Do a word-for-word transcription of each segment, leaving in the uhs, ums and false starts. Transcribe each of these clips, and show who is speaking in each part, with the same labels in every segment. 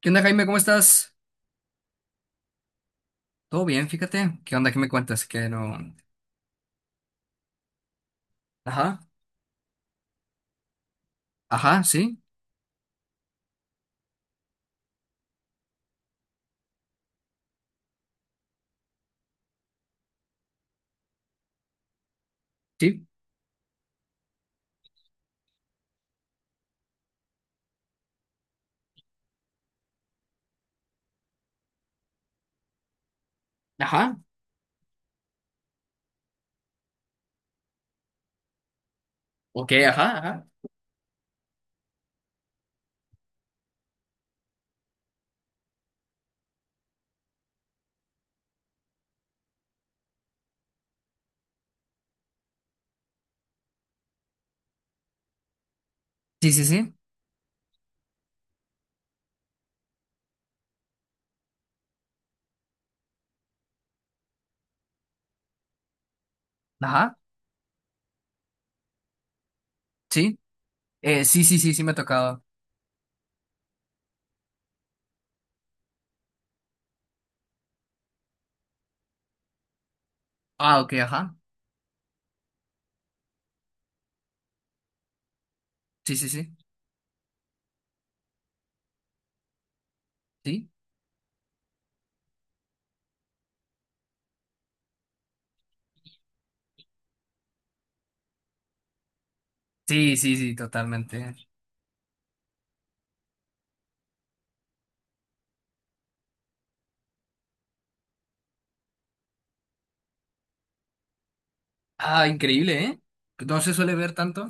Speaker 1: ¿Qué onda, Jaime? ¿Cómo estás? Todo bien, fíjate. ¿Qué onda? ¿Qué me cuentas? Que no. Ajá, ajá, sí, sí, ajá, ok, ajá, ajá. Sí, sí, sí, ajá, sí, eh, sí, sí, sí, sí, me ha tocado. Ah, ok, ajá, sí, sí, sí, sí, sí, sí, sí, totalmente. Ah, increíble, ¿eh? No se suele ver tanto.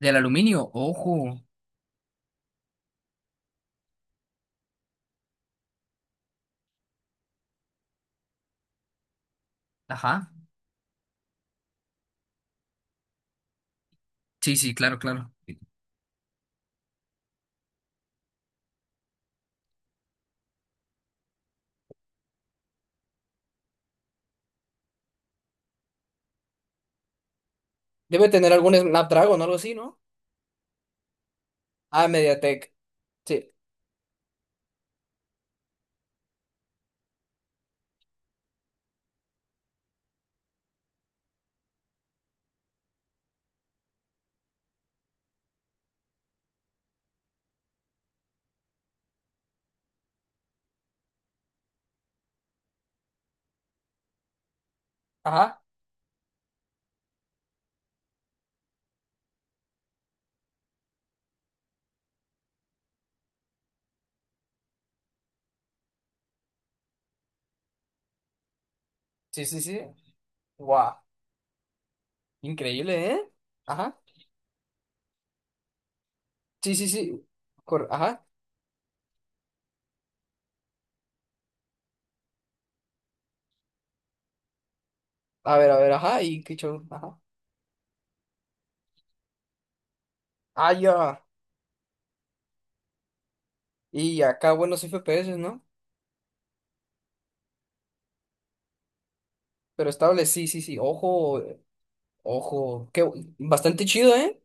Speaker 1: Del aluminio, ojo, ajá, sí, sí, claro, claro. Debe tener algún Snapdragon o algo así, ¿no? Ah, Mediatek. Sí. Ajá. Sí, sí, sí. Guau. Increíble, ¿eh? Ajá. Sí, sí, sí. Cor- ajá. A ver, a ver, ajá. Y qué Kichou, ajá. Ah, ya. Y acá buenos F P S, ¿no? Pero estable, sí, sí, sí. Ojo, eh, ojo. Qué, bu- bastante chido, ¿eh?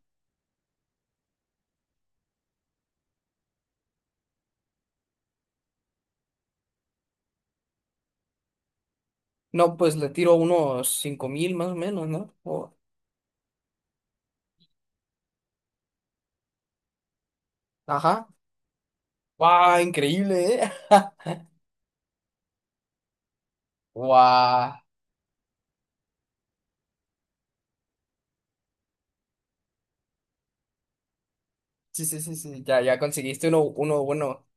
Speaker 1: No, pues le tiro unos cinco mil más o menos, ¿no? O- ajá. ¡Wow! Increíble, ¿eh? ¡Wow! Sí, sí, sí, sí. Ya, ya conseguiste uno, uno bueno.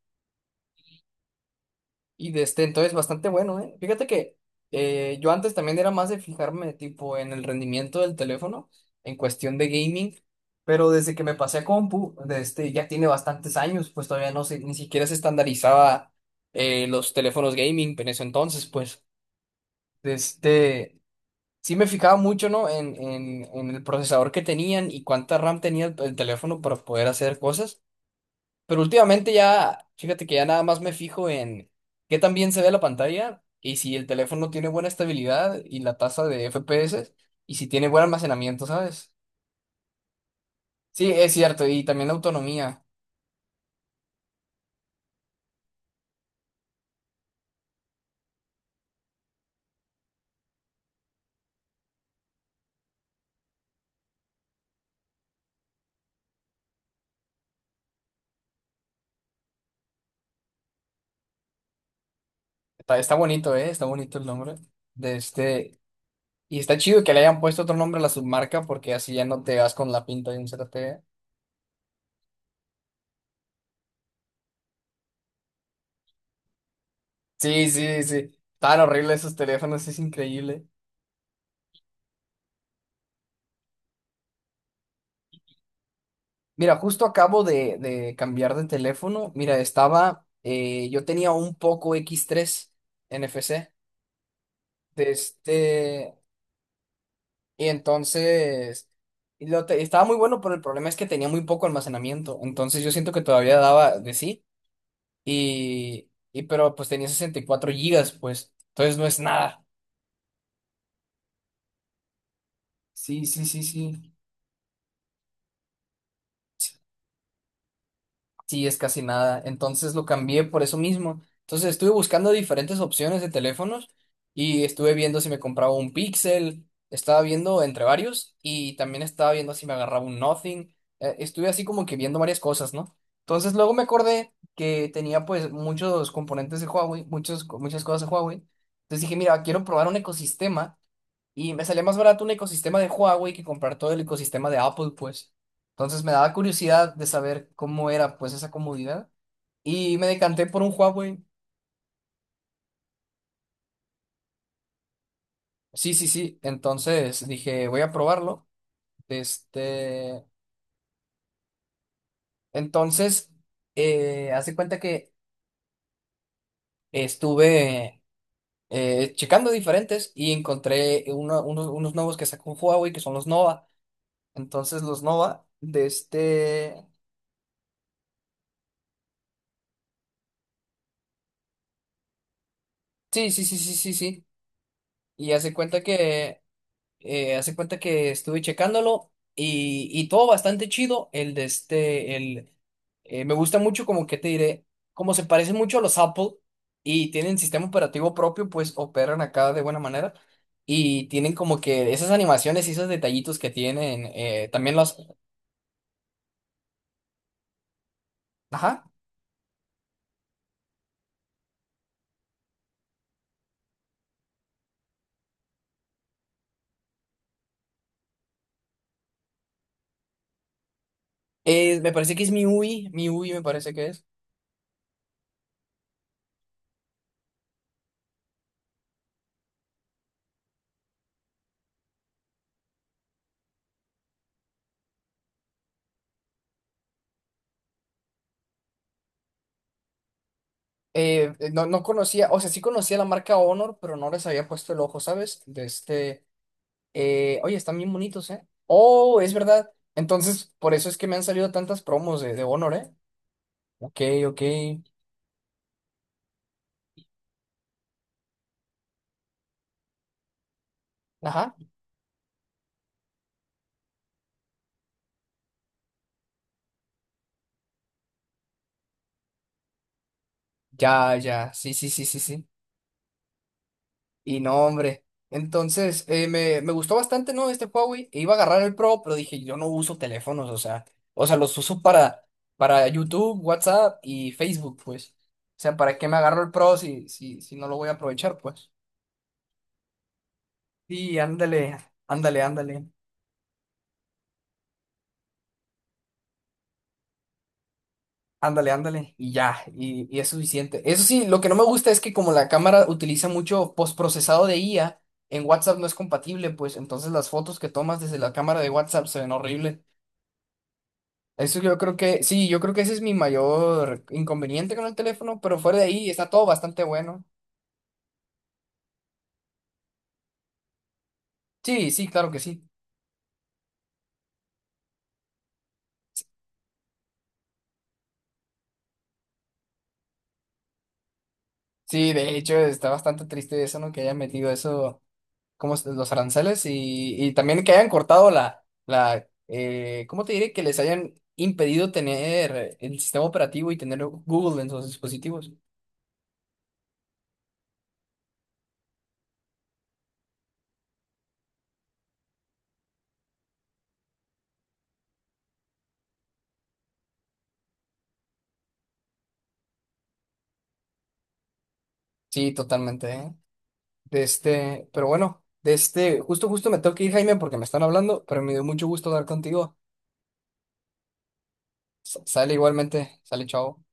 Speaker 1: Y de este, entonces bastante bueno, ¿eh? Fíjate que eh, yo antes también era más de fijarme tipo en el rendimiento del teléfono en cuestión de gaming, pero desde que me pasé a compu, de este, ya tiene bastantes años, pues todavía no se, ni siquiera se estandarizaba eh, los teléfonos gaming en ese entonces, pues de este, sí me fijaba mucho, ¿no? En, en, en el procesador que tenían y cuánta RAM tenía el el teléfono para poder hacer cosas. Pero últimamente ya, fíjate que ya nada más me fijo en qué tan bien se ve la pantalla y si el teléfono tiene buena estabilidad y la tasa de F P S y si tiene buen almacenamiento, ¿sabes? Sí, es cierto, y también la autonomía. Está, está bonito, ¿eh? Está bonito el nombre de este. Y está chido que le hayan puesto otro nombre a la submarca porque así ya no te vas con la pinta de un Z T E. Sí, sí, sí. Tan horrible esos teléfonos, es increíble. Mira, justo acabo de, de cambiar de teléfono. Mira, estaba, eh, yo tenía un Poco X tres N F C de este, y entonces y lo te- estaba muy bueno, pero el problema es que tenía muy poco almacenamiento. Entonces yo siento que todavía daba de sí, y, y pero pues tenía sesenta y cuatro gigas, pues, entonces no es nada. Sí, sí, sí, sí. Sí, es casi nada. Entonces lo cambié por eso mismo. Entonces estuve buscando diferentes opciones de teléfonos y estuve viendo si me compraba un Pixel, estaba viendo entre varios y también estaba viendo si me agarraba un Nothing. Eh, estuve así como que viendo varias cosas, ¿no? Entonces luego me acordé que tenía pues muchos componentes de Huawei, muchos, co- muchas cosas de Huawei. Entonces dije, mira, quiero probar un ecosistema y me salía más barato un ecosistema de Huawei que comprar todo el ecosistema de Apple, pues. Entonces me daba curiosidad de saber cómo era, pues, esa comodidad. Y me decanté por un Huawei. Sí, sí, sí. Entonces dije, voy a probarlo. Este... Entonces, eh, hace cuenta que estuve eh, checando diferentes y encontré uno- unos, unos nuevos que sacó Huawei, que son los Nova. Entonces los Nova de este... Sí, sí, sí, sí, sí, sí. Y hace cuenta que... eh, hace cuenta que estuve checándolo y, y todo bastante chido. El de este, el, eh, me gusta mucho como que te diré, como se parecen mucho a los Apple y tienen sistema operativo propio, pues operan acá de buena manera y tienen como que esas animaciones y esos detallitos que tienen, eh, también los, ajá, Eh, me parece que es MIUI, MIUI me parece que es. Eh, no, no conocía, o sea, sí conocía la marca Honor, pero no les había puesto el ojo, ¿sabes? De este... Eh, oye, están bien bonitos, ¿eh? Oh, es verdad. Entonces, por eso es que me han salido tantas promos de, de Honor, ¿eh? Ok, ok. Ajá. Ya, ya. Sí, sí, sí, sí, sí. Y no, hombre. Entonces, eh, me, me gustó bastante, ¿no? Este Huawei. E iba a agarrar el Pro, pero dije, yo no uso teléfonos, o sea, o sea, los uso para, para YouTube, WhatsApp y Facebook, pues. O sea, ¿para qué me agarro el Pro si, si, si no lo voy a aprovechar, pues? Sí, ándale, ándale, ándale. Ándale, ándale, y ya, y, y es suficiente. Eso sí, lo que no me gusta es que como la cámara utiliza mucho postprocesado de I A, en WhatsApp no es compatible, pues entonces las fotos que tomas desde la cámara de WhatsApp se ven horribles. Eso yo creo que, sí, yo creo que ese es mi mayor inconveniente con el teléfono, pero fuera de ahí está todo bastante bueno. Sí, sí, claro que sí. Sí, de hecho está bastante triste eso, ¿no? Que haya metido eso como s- los aranceles y, y también que hayan cortado la, la eh, ¿cómo te diré? Que les hayan impedido tener el sistema operativo y tener Google en sus dispositivos. Sí, totalmente, ¿eh? De este, pero bueno, de este, justo, justo me tengo que ir, Jaime, porque me están hablando, pero me dio mucho gusto hablar contigo. S- sale igualmente, sale, chao.